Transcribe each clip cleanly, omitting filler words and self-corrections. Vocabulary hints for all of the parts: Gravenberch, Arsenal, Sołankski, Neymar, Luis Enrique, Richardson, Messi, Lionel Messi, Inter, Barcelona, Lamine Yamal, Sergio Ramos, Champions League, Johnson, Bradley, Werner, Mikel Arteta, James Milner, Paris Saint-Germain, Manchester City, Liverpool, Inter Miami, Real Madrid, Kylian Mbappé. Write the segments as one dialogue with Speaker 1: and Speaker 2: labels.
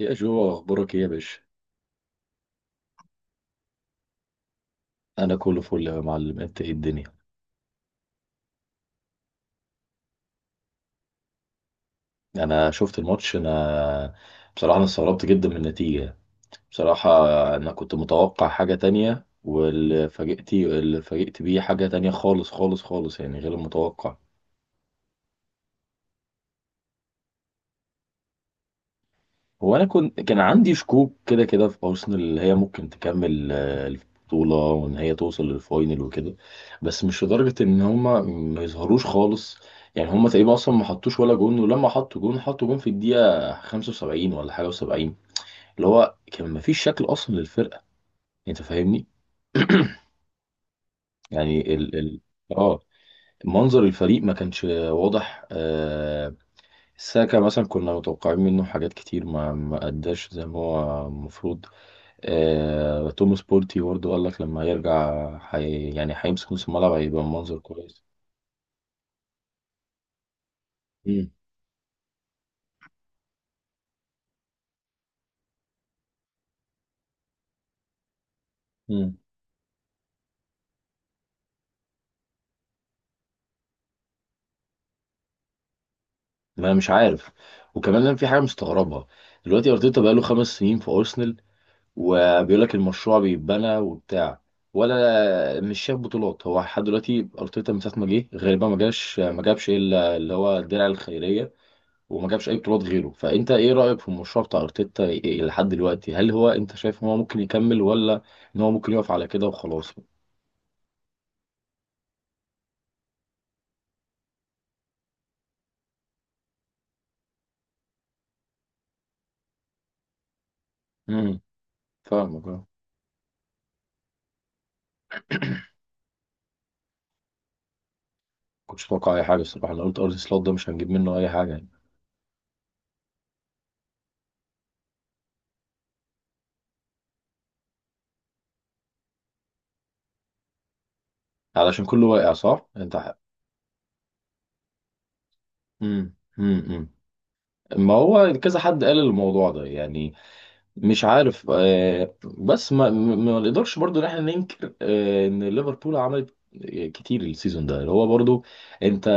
Speaker 1: يا جو، اخبارك ايه يا باشا؟ انا كله فل يا معلم، انت ايه الدنيا؟ انا شفت الماتش. انا بصراحه انا استغربت جدا من النتيجه بصراحه. انا كنت متوقع حاجه تانية، واللي فاجئت بيه حاجه تانية خالص خالص خالص، يعني غير المتوقع. هو انا كان عندي شكوك كده كده في ارسنال، اللي هي ممكن تكمل البطوله وان هي توصل للفاينل وكده. بس مش لدرجه ان هما ما يظهروش خالص. يعني هما تقريبا اصلا ما حطوش ولا جون، ولما حطوا جون حطوا جون في الدقيقه 75 ولا حاجه و70. اللي هو كان ما فيش شكل اصلا للفرقه. انت فاهمني؟ يعني ال ال اه منظر الفريق ما كانش واضح. ساكا مثلا كنا متوقعين منه حاجات كتير، ما اداش زي ما هو المفروض. توماس بورتي برضه قال لك لما يرجع يعني هيمسك نص الملعب هيبقى منظر كويس. امم. امم. ما انا مش عارف. وكمان انا في حاجه مستغربها. دلوقتي ارتيتا بقاله 5 سنين في ارسنال، وبيقول لك المشروع بيتبنى وبتاع، ولا مش شاف بطولات هو لحد دلوقتي. ارتيتا من ساعه ما جه غالبا ما جاش ما جابش الا اللي هو الدرع الخيريه، وما جابش اي بطولات غيره. فانت ايه رايك في المشروع بتاع ارتيتا إيه لحد دلوقتي؟ هل هو انت شايف ان هو ممكن يكمل، ولا ان هو ممكن يقف على كده وخلاص؟ امم. فاهمك اه. كنتش اتوقع اي حاجه الصراحه، انا قلت ارضي سلوت ده مش هنجيب منه اي حاجه يعني. علشان كله واقع، صح انت؟ امم. امم. ما هو كذا حد قال الموضوع ده يعني. مش عارف. بس ما نقدرش برضو ان احنا ننكر ان ليفربول عملت كتير السيزون ده اللي هو برضو. انت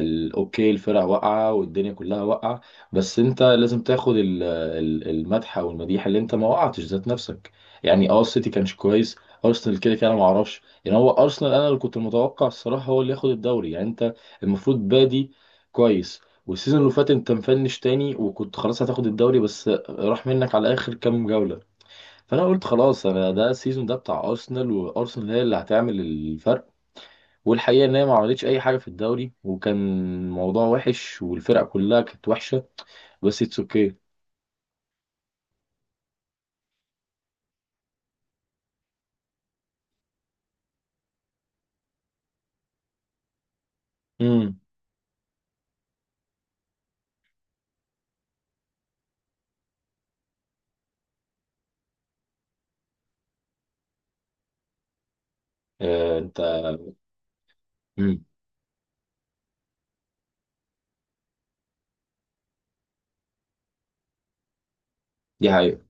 Speaker 1: اوكي، الفرق واقعه والدنيا كلها واقعه. بس انت لازم تاخد المدح او المديح اللي انت ما وقعتش ذات نفسك. يعني السيتي كانش كويس. ارسنال كده كده انا ما اعرفش يعني، هو ارسنال انا اللي كنت متوقع الصراحه هو اللي ياخد الدوري يعني انت. المفروض بادي كويس. والسيزون اللي فات انت مفنش تاني، وكنت خلاص هتاخد الدوري بس راح منك على اخر كام جوله. فانا قلت خلاص، انا ده السيزون ده بتاع ارسنال، وارسنال هي اللي هتعمل الفرق. والحقيقه ان هي ما عملتش اي حاجه في الدوري، وكان الموضوع وحش والفرق كلها كانت وحشه. بس اتس اوكي. امم. آه، انت. امم. دي حقيقة،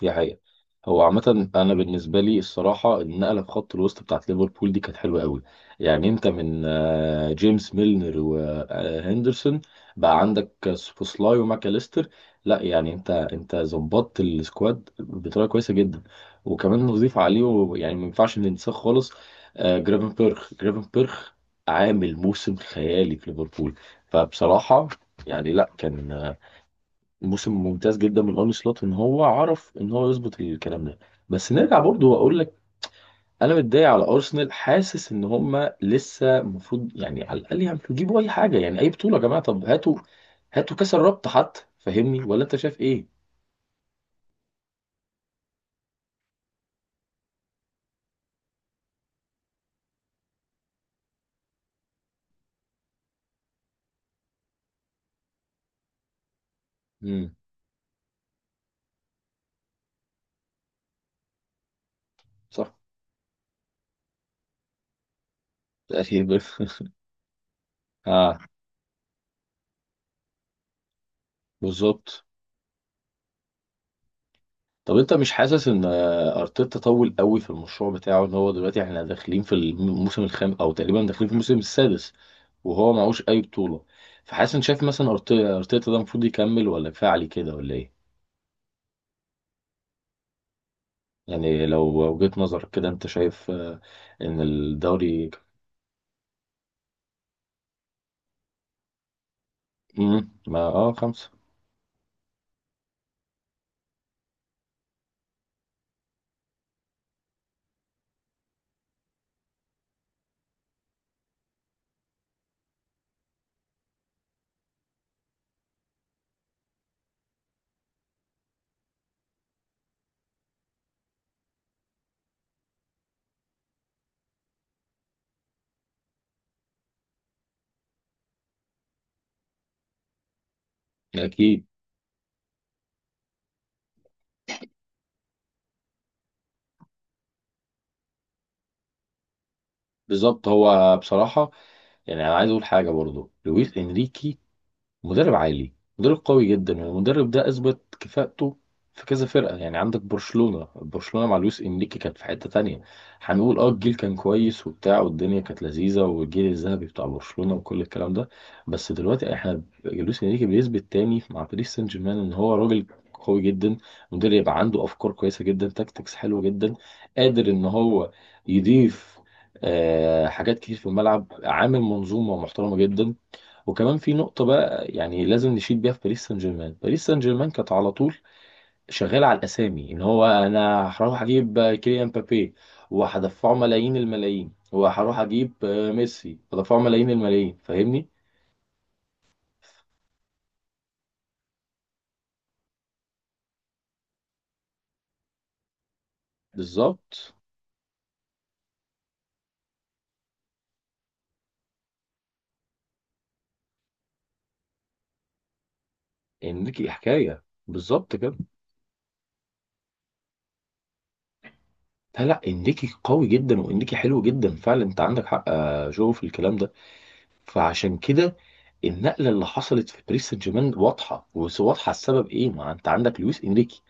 Speaker 1: دي حقيقة. هو عامة أنا بالنسبة لي الصراحة النقلة في خط الوسط بتاعت ليفربول دي كانت حلوة قوي. يعني أنت من جيمس ميلنر وهندرسون بقى عندك سوبوسلاي وماكاليستر. لا يعني أنت ظبطت السكواد بطريقة كويسة جدا. وكمان نضيف عليه، يعني ما ينفعش ننساه خالص، جرافن بيرخ. جرافن بيرخ عامل موسم خيالي في ليفربول. فبصراحة يعني لا، كان موسم ممتاز جدا من ارني سلوت ان هو عرف ان هو يظبط الكلام ده. بس نرجع برضو واقول لك، انا متضايق على ارسنال، حاسس ان هم لسه المفروض يعني على الاقل يعني تجيبوا اي حاجه، يعني اي بطوله يا جماعه، طب هاتوا هاتوا كاس الرابطه حتى. فاهمني؟ ولا انت شايف ايه؟ امم. صح. تقريبا. اه. بالظبط. طب انت مش حاسس ان ارتيتا طول قوي في المشروع بتاعه، ان هو دلوقتي احنا داخلين في الموسم الخامس او تقريبا داخلين في الموسم السادس وهو معهوش اي بطولة؟ فحاسس ان شايف مثلا ارتيتا ده المفروض يكمل ولا كفاية عليه كده ولا ايه؟ يعني لو وجهة نظرك كده انت شايف ان الدوري... مم، ما خمسة. اكيد. بالظبط. هو بصراحة يعني، انا عايز اقول حاجة برضو، لويس انريكي مدرب عالي. مدرب قوي جدا، والمدرب ده اثبت كفاءته في كذا فرقه. يعني عندك برشلونه. برشلونه مع لويس انريكي كانت في حته تانية. هنقول الجيل كان كويس وبتاع والدنيا كانت لذيذه، والجيل الذهبي بتاع برشلونه وكل الكلام ده. بس دلوقتي احنا، لويس انريكي بيثبت تاني مع باريس سان جيرمان ان هو راجل قوي جدا، مدرب يبقى عنده افكار كويسه جدا، تاكتكس حلوه جدا، قادر ان هو يضيف حاجات كتير في الملعب، عامل منظومه محترمه جدا. وكمان في نقطة بقى، يعني لازم نشيد بيها في باريس سان جيرمان، باريس سان جيرمان كانت على طول شغالة على الأسامي، إن هو أنا هروح أجيب كيليان مبابي وهدفعه ملايين الملايين، وهروح أجيب ميسي هدفعه ملايين الملايين، فاهمني؟ بالظبط، إنريكي حكاية، بالظبط كده. لا لا، إنريكي قوي جدا وإنريكي حلو جدا فعلا، أنت عندك حق يا جو في الكلام ده. فعشان كده النقلة اللي حصلت في باريس سان جيرمان واضحة، وواضحة. السبب إيه؟ ما أنت عندك لويس إنريكي.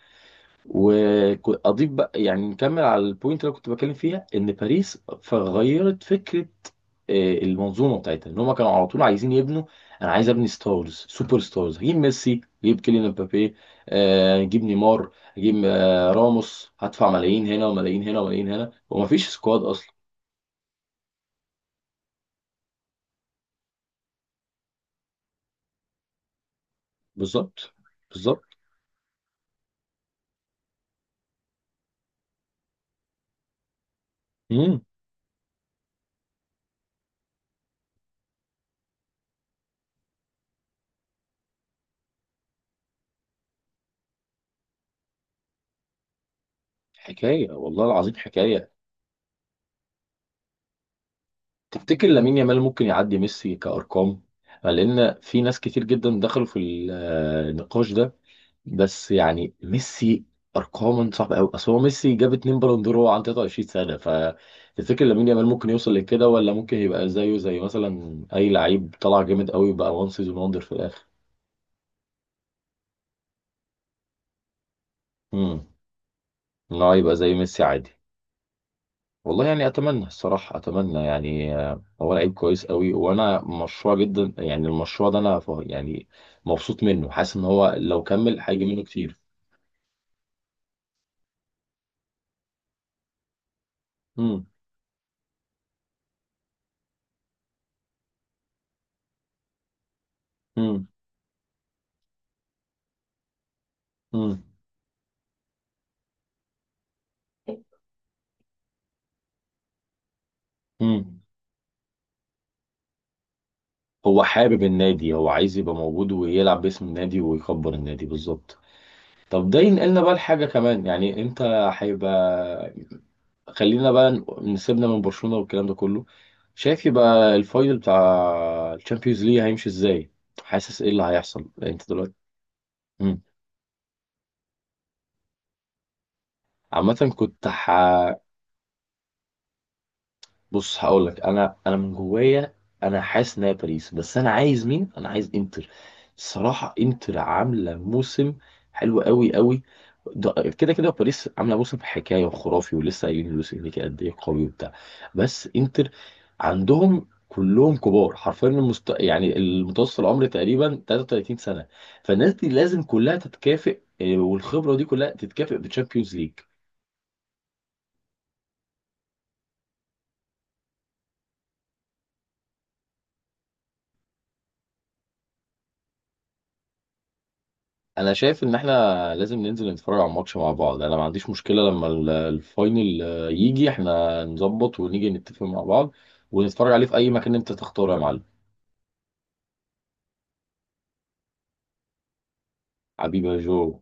Speaker 1: واضيف بقى يعني، نكمل على البوينت اللي أنا كنت بتكلم فيها، ان باريس فغيرت فكره المنظومه بتاعتها، ان هم كانوا على طول عايزين يبنوا. انا عايز ابني ستارز، سوبر ستارز، هجيب ميسي هجيب كيليان مبابي، هجيب نيمار، هجيب راموس، هدفع ملايين هنا وملايين هنا وملايين هنا ومفيش سكواد اصلا. بالظبط. بالظبط. امم. حكايه والله العظيم حكايه. تفتكر لامين يامال ممكن يعدي ميسي كارقام؟ لان في ناس كتير جدا دخلوا في النقاش ده. بس يعني ميسي ارقام صعبه قوي، اصل هو ميسي جاب اتنين بالون دور وهو عنده 23 سنه. فتفتكر لامين يامال ممكن يوصل لكده، ولا ممكن يبقى زيه زي مثلا اي لعيب طلع جامد قوي بقى وان سيزون وندر في الاخر؟ امم. ان هو يبقى زي ميسي عادي. والله يعني اتمنى الصراحه، اتمنى يعني هو لعيب كويس قوي، وانا مشروع جدا يعني المشروع ده انا يعني مبسوط منه، حاسس ان هو لو كمل هيجي منه كتير. امم. امم. امم. هو حابب النادي، هو عايز يبقى موجود ويلعب باسم النادي ويكبر النادي. بالظبط. طب ده ينقلنا بقى لحاجة كمان يعني، انت هيبقى، خلينا بقى نسيبنا من برشلونة والكلام ده كله. شايف يبقى الفاينل بتاع الشامبيونز ليج هيمشي ازاي؟ حاسس ايه اللي هيحصل انت دلوقتي؟ مم. عامة كنت بص هقول لك، انا من جوايا. انا حاسس ان هي باريس، بس انا عايز مين؟ انا عايز انتر. الصراحه انتر عامله موسم حلو قوي قوي. كده كده باريس عامله موسم حكايه وخرافي، ولسه قايلين لويس انريكي قد ايه قوي وبتاع، بس انتر عندهم كلهم كبار حرفيا، يعني المتوسط العمر تقريبا 33 سنه. فالناس دي لازم كلها تتكافئ، والخبره دي كلها تتكافئ بالتشامبيونز ليج. انا شايف ان احنا لازم ننزل نتفرج على الماتش مع بعض، انا ما عنديش مشكله. لما الفاينل يجي احنا نظبط ونيجي نتفق مع بعض ونتفرج عليه في اي مكان انت تختاره يا معلم. حبيبي يا جو.